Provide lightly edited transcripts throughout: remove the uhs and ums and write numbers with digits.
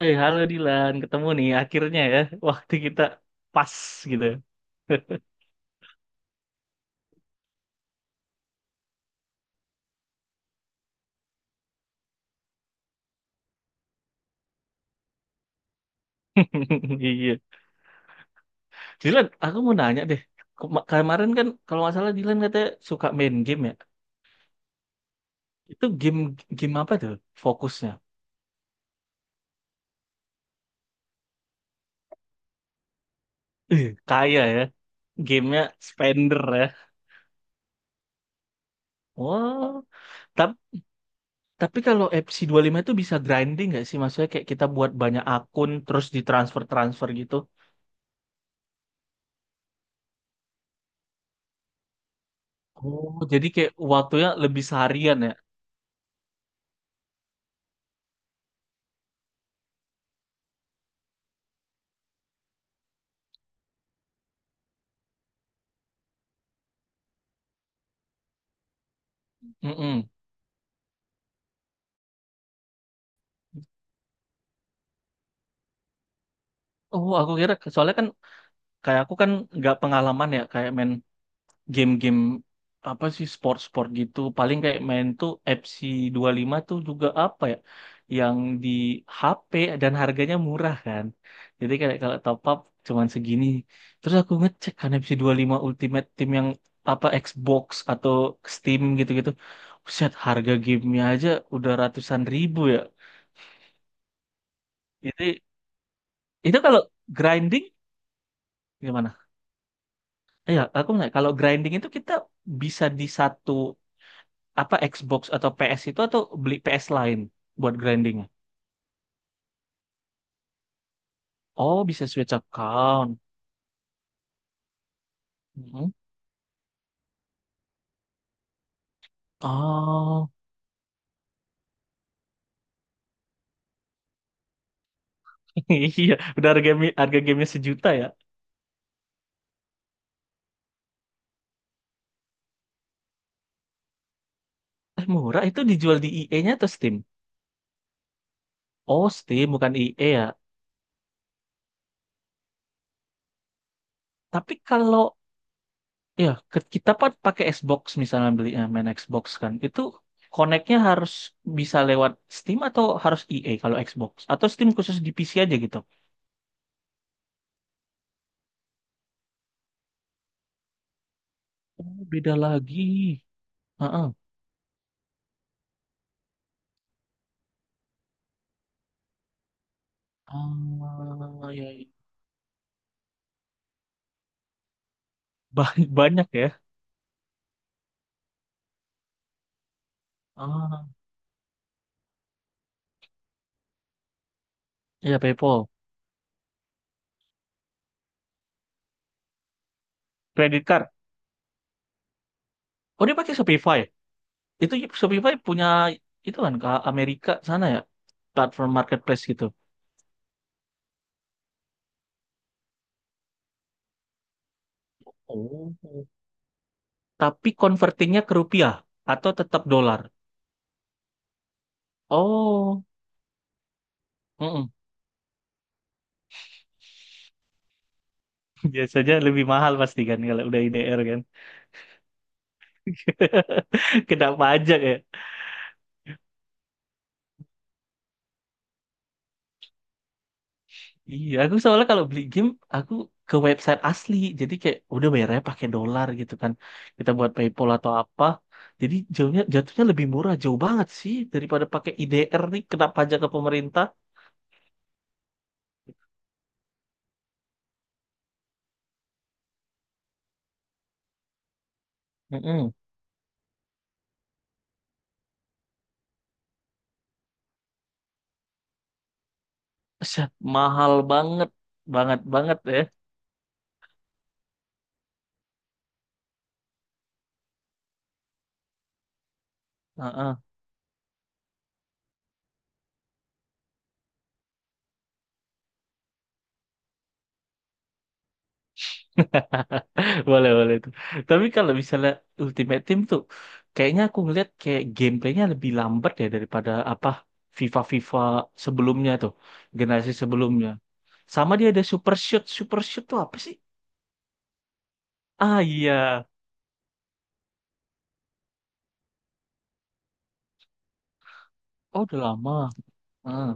Halo Dilan, ketemu nih akhirnya ya. Waktu kita pas gitu. Iya. Dilan, aku mau nanya deh. Kemarin kan kalau nggak salah Dilan katanya suka main game ya. Itu game game apa tuh fokusnya? Kaya ya. Gamenya spender ya. Wow. Tapi tapi kalau FC lima itu bisa grinding nggak sih? Maksudnya kayak kita buat banyak akun terus ditransfer-transfer gitu. Oh, jadi kayak waktunya lebih seharian ya. Mm-mm. Oh, aku kira soalnya kan kayak aku kan nggak pengalaman ya kayak main game-game apa sih sport-sport gitu paling kayak main tuh FC lima tuh juga apa ya yang di HP dan harganya murah kan jadi kayak kalau top up cuman segini terus aku ngecek kan FC lima Ultimate Team yang apa Xbox atau Steam gitu-gitu set harga gamenya aja udah ratusan ribu ya jadi itu kalau grinding gimana? Iya, aku nanya, kalau grinding itu kita bisa di satu apa Xbox atau PS itu atau beli PS lain buat grinding? Oh, bisa Switch account. Mhm. Oh, iya. Udah harga game harga gamenya sejuta ya. Murah itu dijual di EA-nya atau Steam? Oh, Steam bukan EA ya. Tapi kalau ya kita pakai Xbox misalnya beli main Xbox kan, itu connect-nya harus bisa lewat Steam atau harus EA kalau Xbox? Atau Steam khusus di PC aja gitu? Oh, beda lagi. Heeh. Ah, ya. Ba- Banyak ya. Ah, iya PayPal. Credit card. Oh, dia pakai Shopify, ya? Itu Shopify punya itu kan ke Amerika sana ya. Platform marketplace gitu. Oh. Tapi convertingnya ke rupiah atau tetap dolar. Oh, mm-mm. Biasanya lebih mahal pasti kan kalau udah IDR kan. Kena pajak ya. Iya, aku soalnya kalau beli game aku ke website asli, jadi kayak udah bayarnya pakai dolar gitu kan. Kita buat PayPal atau apa. Jadi jauhnya jatuhnya lebih murah, jauh banget sih daripada pakai IDR nih kena pajak ke pemerintah. Mm-mm. Set, mahal banget, banget banget ya. Heeh. Boleh, boleh itu. Tapi kalau misalnya Ultimate Team tuh, kayaknya aku ngeliat kayak gameplaynya lebih lambat ya daripada apa FIFA-FIFA sebelumnya tuh, generasi sebelumnya. Sama dia ada Super Shoot. Super Shoot tuh apa sih? Ah iya, oh udah lama. Ah.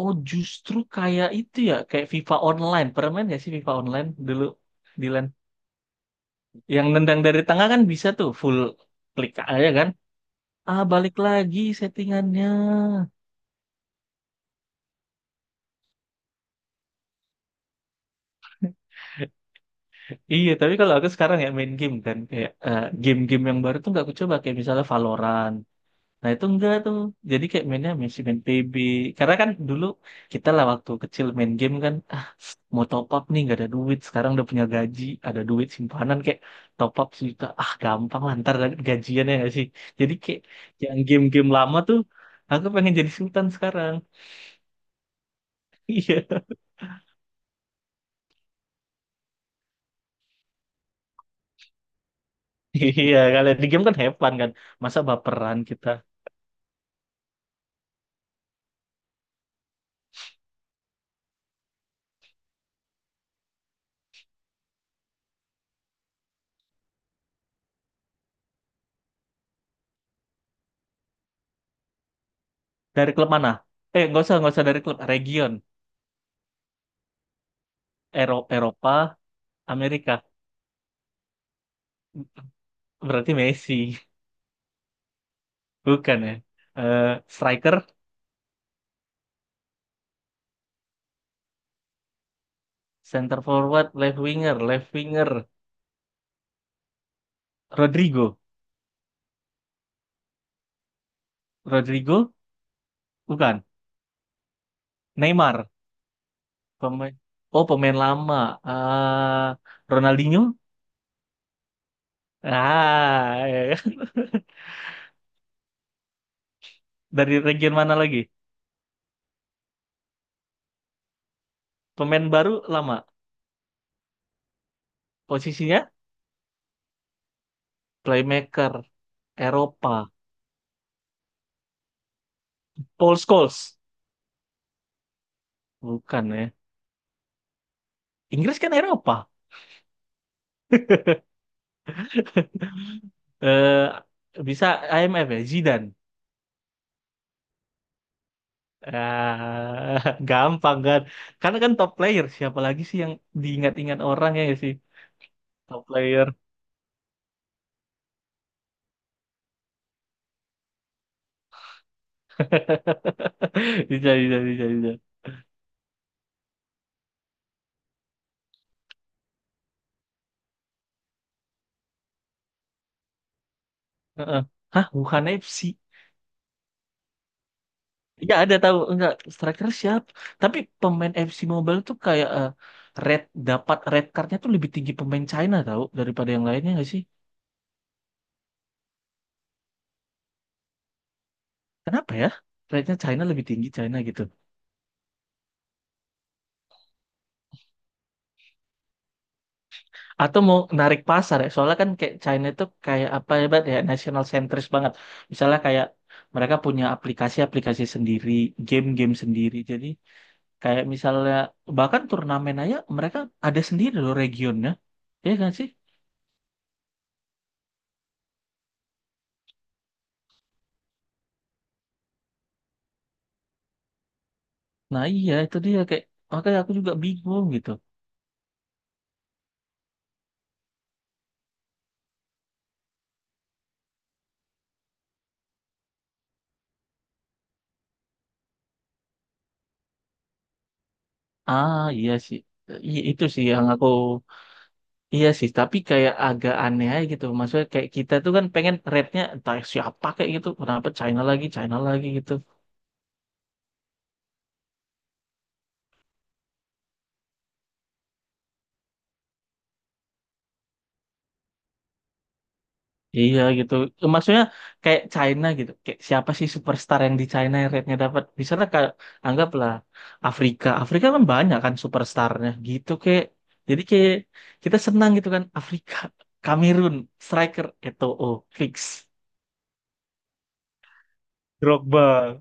Oh justru kayak itu ya, kayak FIFA Online. Pernah main nggak sih FIFA Online dulu, Dilan? Yang nendang dari tengah kan bisa tuh full klik aja kan? Ah balik lagi settingannya. Iya, tapi kalau aku sekarang ya main game kan kayak game-game yang baru tuh nggak aku coba kayak misalnya Valorant. Nah itu enggak tuh. Jadi kayak mainnya masih main PB. Karena kan dulu kita lah waktu kecil main game kan ah mau top up nih nggak ada duit. Sekarang udah punya gaji, ada duit simpanan kayak top up sejuta. Ah gampang lah ntar dapat gajian ya nggak sih. Jadi kayak yang game-game lama tuh aku pengen jadi sultan sekarang. Iya, iya. Kalau di game kan have fun kan. Masa baperan kita. Dari klub mana? Nggak usah, nggak usah dari klub. Region. Eropa, Amerika. Berarti Messi. Bukan ya. Eh, striker, center forward, left winger, left winger. Rodrigo. Rodrigo? Bukan. Neymar. Pemain. Oh, pemain lama. Ah, Ronaldinho? Ah, ya, kan? Dari region mana lagi? Pemain baru lama. Posisinya playmaker. Eropa. Paul Scholes. Bukan ya. Inggris kan Eropa. Eh, bisa IMF ya Zidane. Ah, gampang kan. Karena kan top player siapa lagi sih yang diingat-ingat orang ya nggak sih? Top player. Bisa bisa bisa bisa. Heeh. Hah, bukan FC. Ya ada tahu enggak striker siapa? Tapi pemain FC Mobile tuh kayak red dapat red cardnya tuh lebih tinggi pemain China tahu daripada yang lainnya nggak sih? Kenapa ya? Rednya China lebih tinggi China gitu. Atau mau narik pasar ya soalnya kan kayak China itu kayak apa ya Bat, ya national centris banget misalnya kayak mereka punya aplikasi-aplikasi sendiri game-game sendiri jadi kayak misalnya bahkan turnamen aja mereka ada sendiri loh regionnya ya kan sih. Nah iya itu dia kayak makanya aku juga bingung gitu. Ah iya sih. Iya itu sih yang aku iya sih tapi kayak agak aneh aja gitu maksudnya kayak kita tuh kan pengen rate-nya entah siapa kayak gitu kenapa China lagi gitu. Iya gitu. Maksudnya kayak China gitu. Kayak siapa sih superstar yang di China yang rate-nya dapat? Misalnya kayak anggaplah Afrika. Afrika kan banyak kan superstarnya gitu kayak. Jadi kayak kita senang gitu kan Afrika, Kamerun, striker Eto'o, fix. Drogba.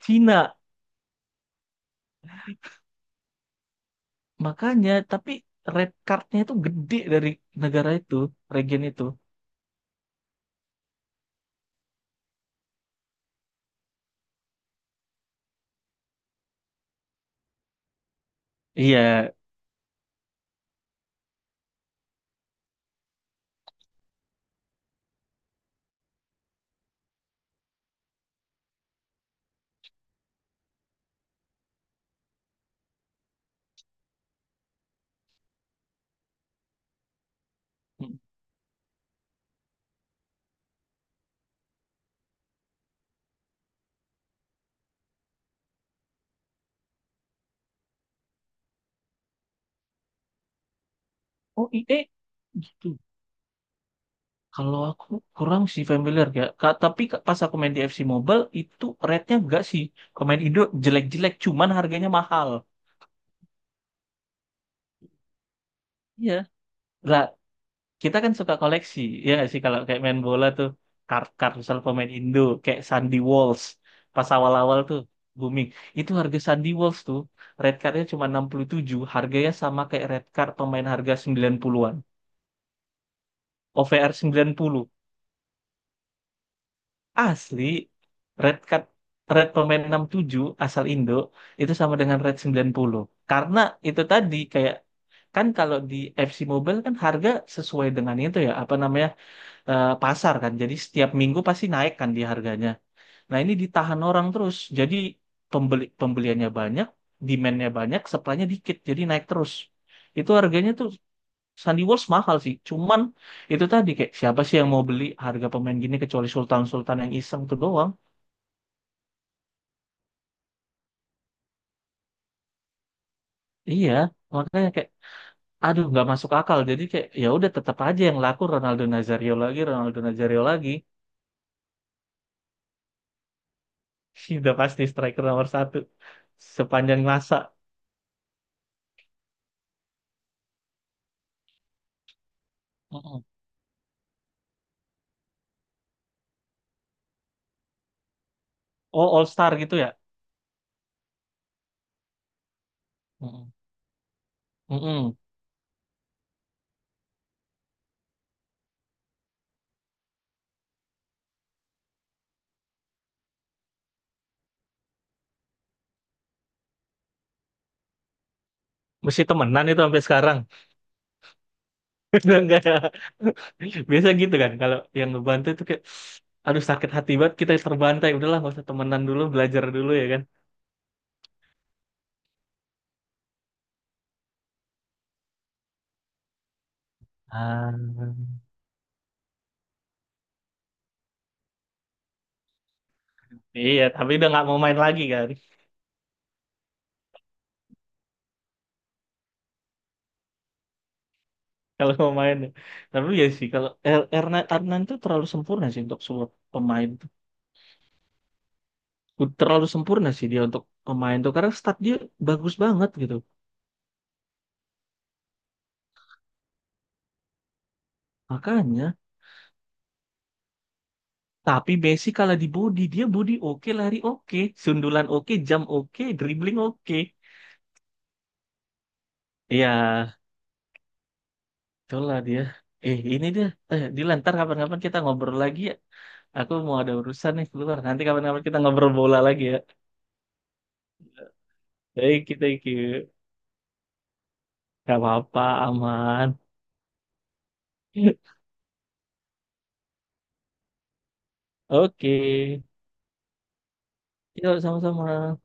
Cina makanya tapi red cardnya itu gede dari negara itu, region itu. Iya. Eh gitu. Kalau aku kurang sih familiar ya. Tapi pas aku main di FC Mobile itu rate-nya enggak sih. Kalau main Indo jelek-jelek cuman harganya mahal. Iya. Lah, kita kan suka koleksi. Ya nggak sih kalau kayak main bola tuh kart-kart misal pemain Indo kayak Sandy Walsh pas awal-awal tuh booming. Itu harga Sandy Walsh tuh red card-nya cuma 67, harganya sama kayak red card pemain harga 90-an. OVR puluh. Asli, red card red pemain 67 asal Indo itu sama dengan red 90. Karena itu tadi kayak kan kalau di FC Mobile kan harga sesuai dengan itu ya, apa namanya? Pasar kan. Jadi setiap minggu pasti naik kan di harganya. Nah, ini ditahan orang terus. Jadi pembeliannya banyak, demand-nya banyak, supply-nya dikit. Jadi naik terus. Itu harganya tuh Sandy Walsh mahal sih. Cuman itu tadi kayak siapa sih yang mau beli harga pemain gini kecuali Sultan-Sultan yang iseng tuh doang. Iya, makanya kayak aduh nggak masuk akal. Jadi kayak ya udah tetap aja yang laku Ronaldo Nazario lagi, Ronaldo Nazario lagi. Udah pasti striker nomor satu sepanjang masa. Mm-mm. Oh All Star gitu ya? Mm-mm. Mm-mm. Mesti temenan itu sampai sekarang. Udah nggak ada. Biasa gitu kan kalau yang ngebantu itu kayak aduh sakit hati banget kita terbantai. Udahlah nggak usah temenan dulu, belajar dulu ya kan. Ah. Iya, tapi udah nggak mau main lagi kan. Kalau mau main ya. Tapi ya sih kalau Adnan tuh terlalu sempurna sih untuk sebuah pemain tuh. Terlalu sempurna sih dia untuk pemain tuh karena stat dia bagus banget gitu makanya tapi Messi kalah di body dia body oke lari oke sundulan oke jam oke dribbling oke ya itulah dia eh ini dia eh Dilan ntar kapan-kapan kita ngobrol lagi ya aku mau ada urusan nih keluar nanti kapan-kapan kita ngobrol bola lagi ya baik kita you thank you. Gak apa-apa aman. Oke. Yuk, sama-sama.